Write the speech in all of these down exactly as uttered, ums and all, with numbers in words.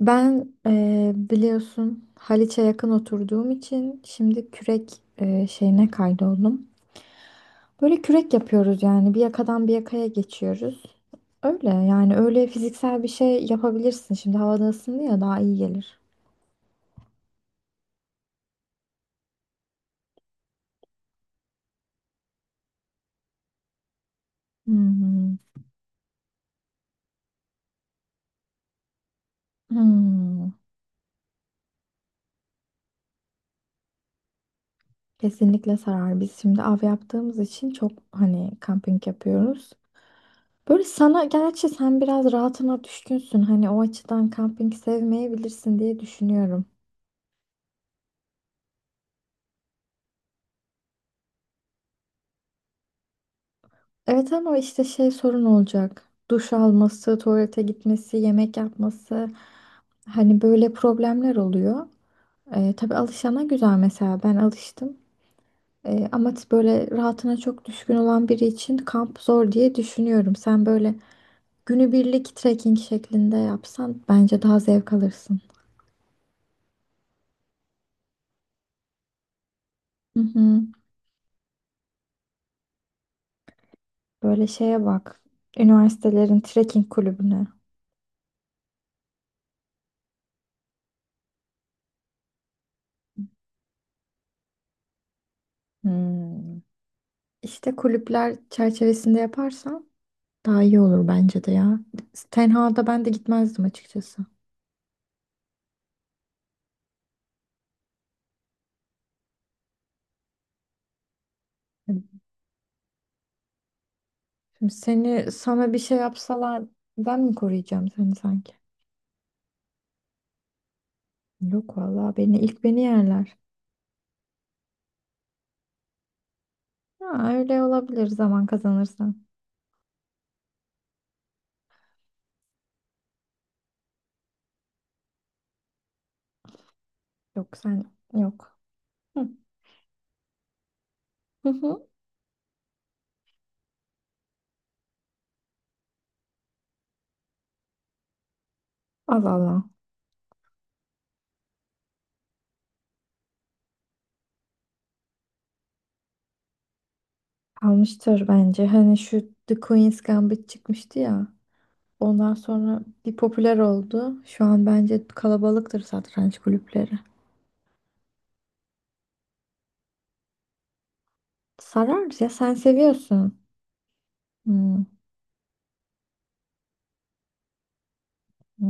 Ben eee, biliyorsun Haliç'e yakın oturduğum için şimdi kürek eee, şeyine kaydoldum. Böyle kürek yapıyoruz, yani bir yakadan bir yakaya geçiyoruz. Öyle, yani öyle fiziksel bir şey yapabilirsin. Şimdi havada ısındı ya, daha iyi gelir. Hmm. Hmm. Kesinlikle sarar. Biz şimdi av yaptığımız için çok hani kamping yapıyoruz. Böyle sana gerçi sen biraz rahatına düşkünsün. Hani o açıdan kamping sevmeyebilirsin diye düşünüyorum. Evet ama işte şey sorun olacak. Duş alması, tuvalete gitmesi, yemek yapması. Hani böyle problemler oluyor. Ee, tabii alışana güzel, mesela ben alıştım. Ee, ama t- böyle rahatına çok düşkün olan biri için kamp zor diye düşünüyorum. Sen böyle günübirlik trekking şeklinde yapsan bence daha zevk alırsın. Hı hı. Böyle şeye bak. Üniversitelerin trekking kulübüne. Hmm. İşte kulüpler çerçevesinde yaparsan daha iyi olur bence de ya. Tenha'da ben de gitmezdim açıkçası. Hani şimdi seni sana bir şey yapsalar, ben mi koruyacağım seni sanki? Yok vallahi, beni ilk beni yerler. Ha, öyle olabilir zaman kazanırsan. Yok sen, yok. Hı. Hı hı. Allah Allah. Almıştır bence. Hani şu The Queen's Gambit çıkmıştı ya. Ondan sonra bir popüler oldu. Şu an bence kalabalıktır satranç kulüpleri. Sarar ya, sen seviyorsun. Hı. Hı.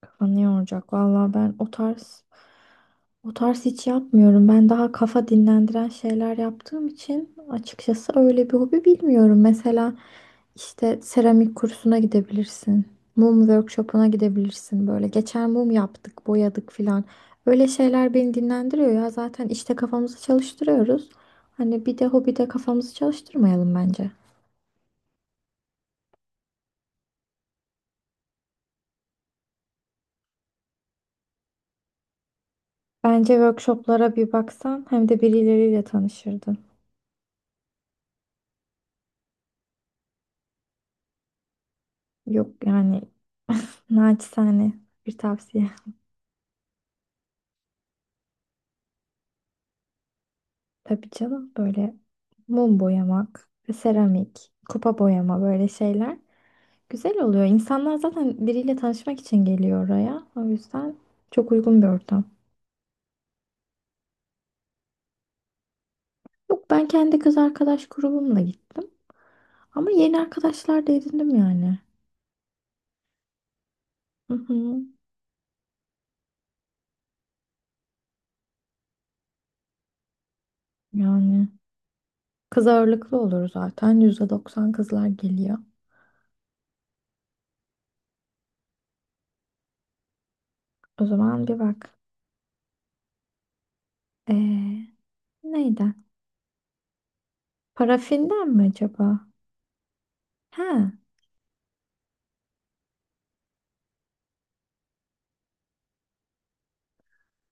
Kafanı yoracak. Valla ben o tarz o tarz hiç yapmıyorum. Ben daha kafa dinlendiren şeyler yaptığım için açıkçası öyle bir hobi bilmiyorum. Mesela işte seramik kursuna gidebilirsin. Mum workshopuna gidebilirsin böyle. Geçen mum yaptık, boyadık filan. Öyle şeyler beni dinlendiriyor ya. Zaten işte kafamızı çalıştırıyoruz. Hani bir de hobide kafamızı çalıştırmayalım bence. Bence workshoplara bir baksan, hem de birileriyle tanışırdın. Yok yani. Naçizane bir tavsiye. Tabii canım, böyle mum boyamak, seramik, kupa boyama, böyle şeyler güzel oluyor. İnsanlar zaten biriyle tanışmak için geliyor oraya. O yüzden çok uygun bir ortam. Yok, ben kendi kız arkadaş grubumla gittim. Ama yeni arkadaşlar da edindim yani. Hı hı. Yani kız ağırlıklı olur zaten, yüzde doksan kızlar geliyor. O zaman bir bak. Ee, Neydi? Parafinden mi acaba? Ha,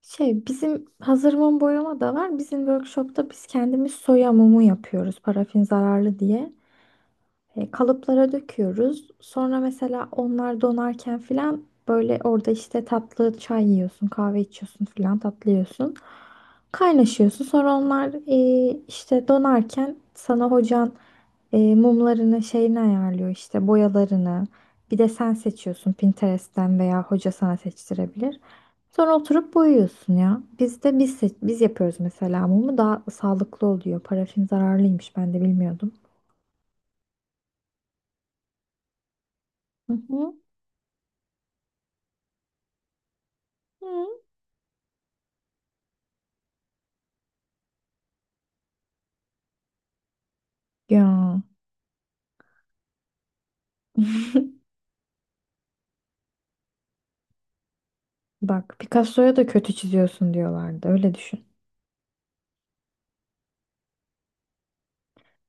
şey, bizim hazır mum boyama da var. Bizim workshopta biz kendimiz soya mumu yapıyoruz, parafin zararlı diye. E, kalıplara döküyoruz. Sonra mesela onlar donarken filan, böyle orada işte tatlı çay yiyorsun, kahve içiyorsun filan, tatlı yiyorsun. Kaynaşıyorsun. Sonra onlar e, işte donarken sana hocan e, mumlarını şeyini ayarlıyor, işte boyalarını. Bir de sen seçiyorsun Pinterest'ten, veya hoca sana seçtirebilir. Sonra oturup boyuyorsun ya. Biz de biz seç- biz yapıyoruz mesela mumu, daha sağlıklı oluyor. Parafin zararlıymış, ben de bilmiyordum. Hı hı. Hı. Ya, bak, Picasso'ya da kötü çiziyorsun diyorlardı, öyle düşün.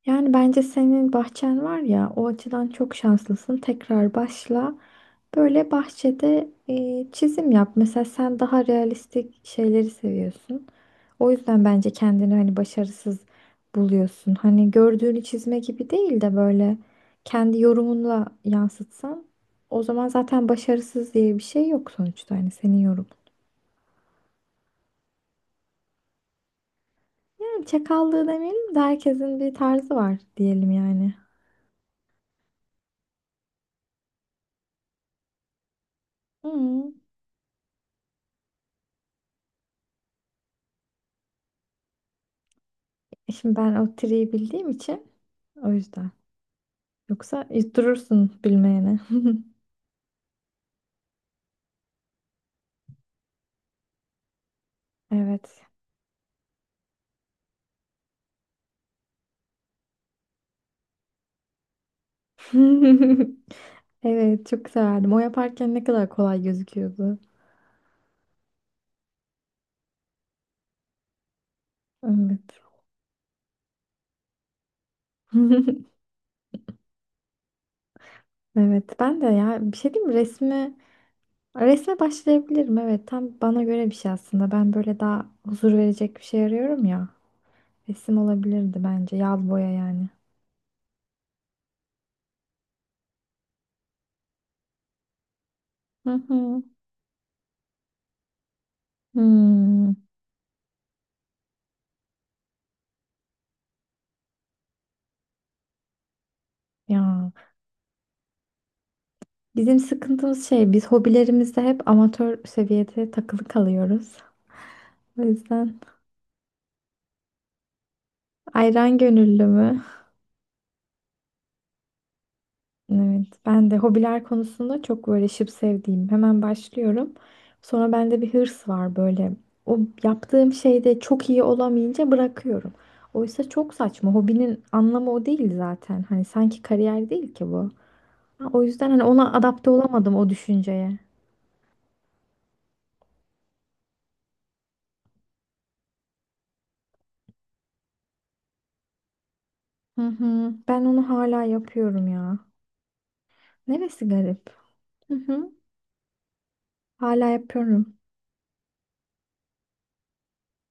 Yani bence senin bahçen var ya, o açıdan çok şanslısın. Tekrar başla. Böyle bahçede e, çizim yap. Mesela sen daha realistik şeyleri seviyorsun. O yüzden bence kendini hani başarısız buluyorsun. Hani gördüğünü çizme gibi değil de, böyle kendi yorumunla yansıtsan, o zaman zaten başarısız diye bir şey yok sonuçta. Hani senin yorumun. Yani çakallığı demeyelim de, herkesin bir tarzı var diyelim yani. Hmm. Şimdi ben o triyi bildiğim için, o yüzden. Yoksa durursun bilmeyene. Evet. Evet, çok severdim. O yaparken ne kadar kolay gözüküyordu. Evet. Evet ben de, ya bir şey diyeyim mi? Resme, resme başlayabilirim. Evet, tam bana göre bir şey aslında. Ben böyle daha huzur verecek bir şey arıyorum ya. Resim olabilirdi bence. Yağlı boya yani. Hı hı. Hmm. Ya bizim sıkıntımız şey, biz hobilerimizde hep amatör seviyede takılı kalıyoruz. O yüzden ayran gönüllü mü? Evet ben de hobiler konusunda çok böyle şıp sevdiğim, hemen başlıyorum. Sonra bende bir hırs var böyle. O yaptığım şeyde çok iyi olamayınca bırakıyorum. Oysa çok saçma. Hobinin anlamı o değil zaten. Hani sanki kariyer değil ki bu. Ha, o yüzden hani ona adapte olamadım, o düşünceye. Hı hı. Ben onu hala yapıyorum ya. Neresi garip? Hı hı. Hala yapıyorum.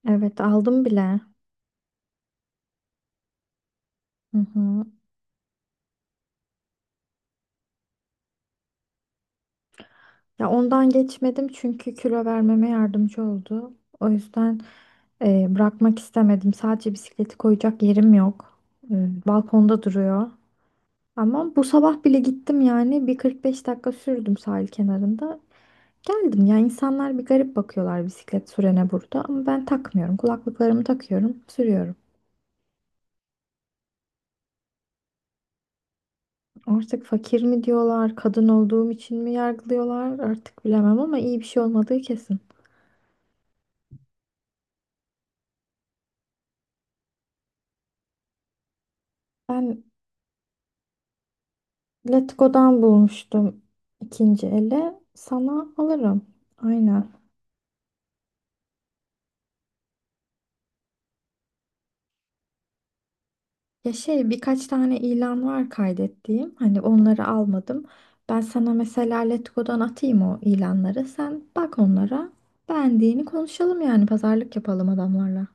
Evet, aldım bile. Hı hı. Ya ondan geçmedim çünkü kilo vermeme yardımcı oldu. O yüzden e, bırakmak istemedim. Sadece bisikleti koyacak yerim yok. E, Balkonda duruyor. Ama bu sabah bile gittim yani. Bir kırk beş dakika sürdüm sahil kenarında. Geldim ya, insanlar bir garip bakıyorlar bisiklet sürene burada, ama ben takmıyorum. Kulaklıklarımı takıyorum, sürüyorum. Artık fakir mi diyorlar, kadın olduğum için mi yargılıyorlar artık bilemem, ama iyi bir şey olmadığı kesin. Ben Letgo'dan bulmuştum ikinci ele. Sana alırım. Aynen. Ya şey, birkaç tane ilan var kaydettiğim. Hani onları almadım. Ben sana mesela Letgo'dan atayım o ilanları. Sen bak onlara. Beğendiğini konuşalım, yani pazarlık yapalım adamlarla.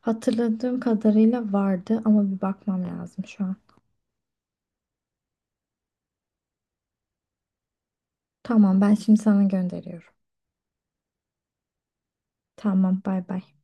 Hatırladığım kadarıyla vardı, ama bir bakmam lazım şu an. Tamam, ben şimdi sana gönderiyorum. Tamam, bay bay.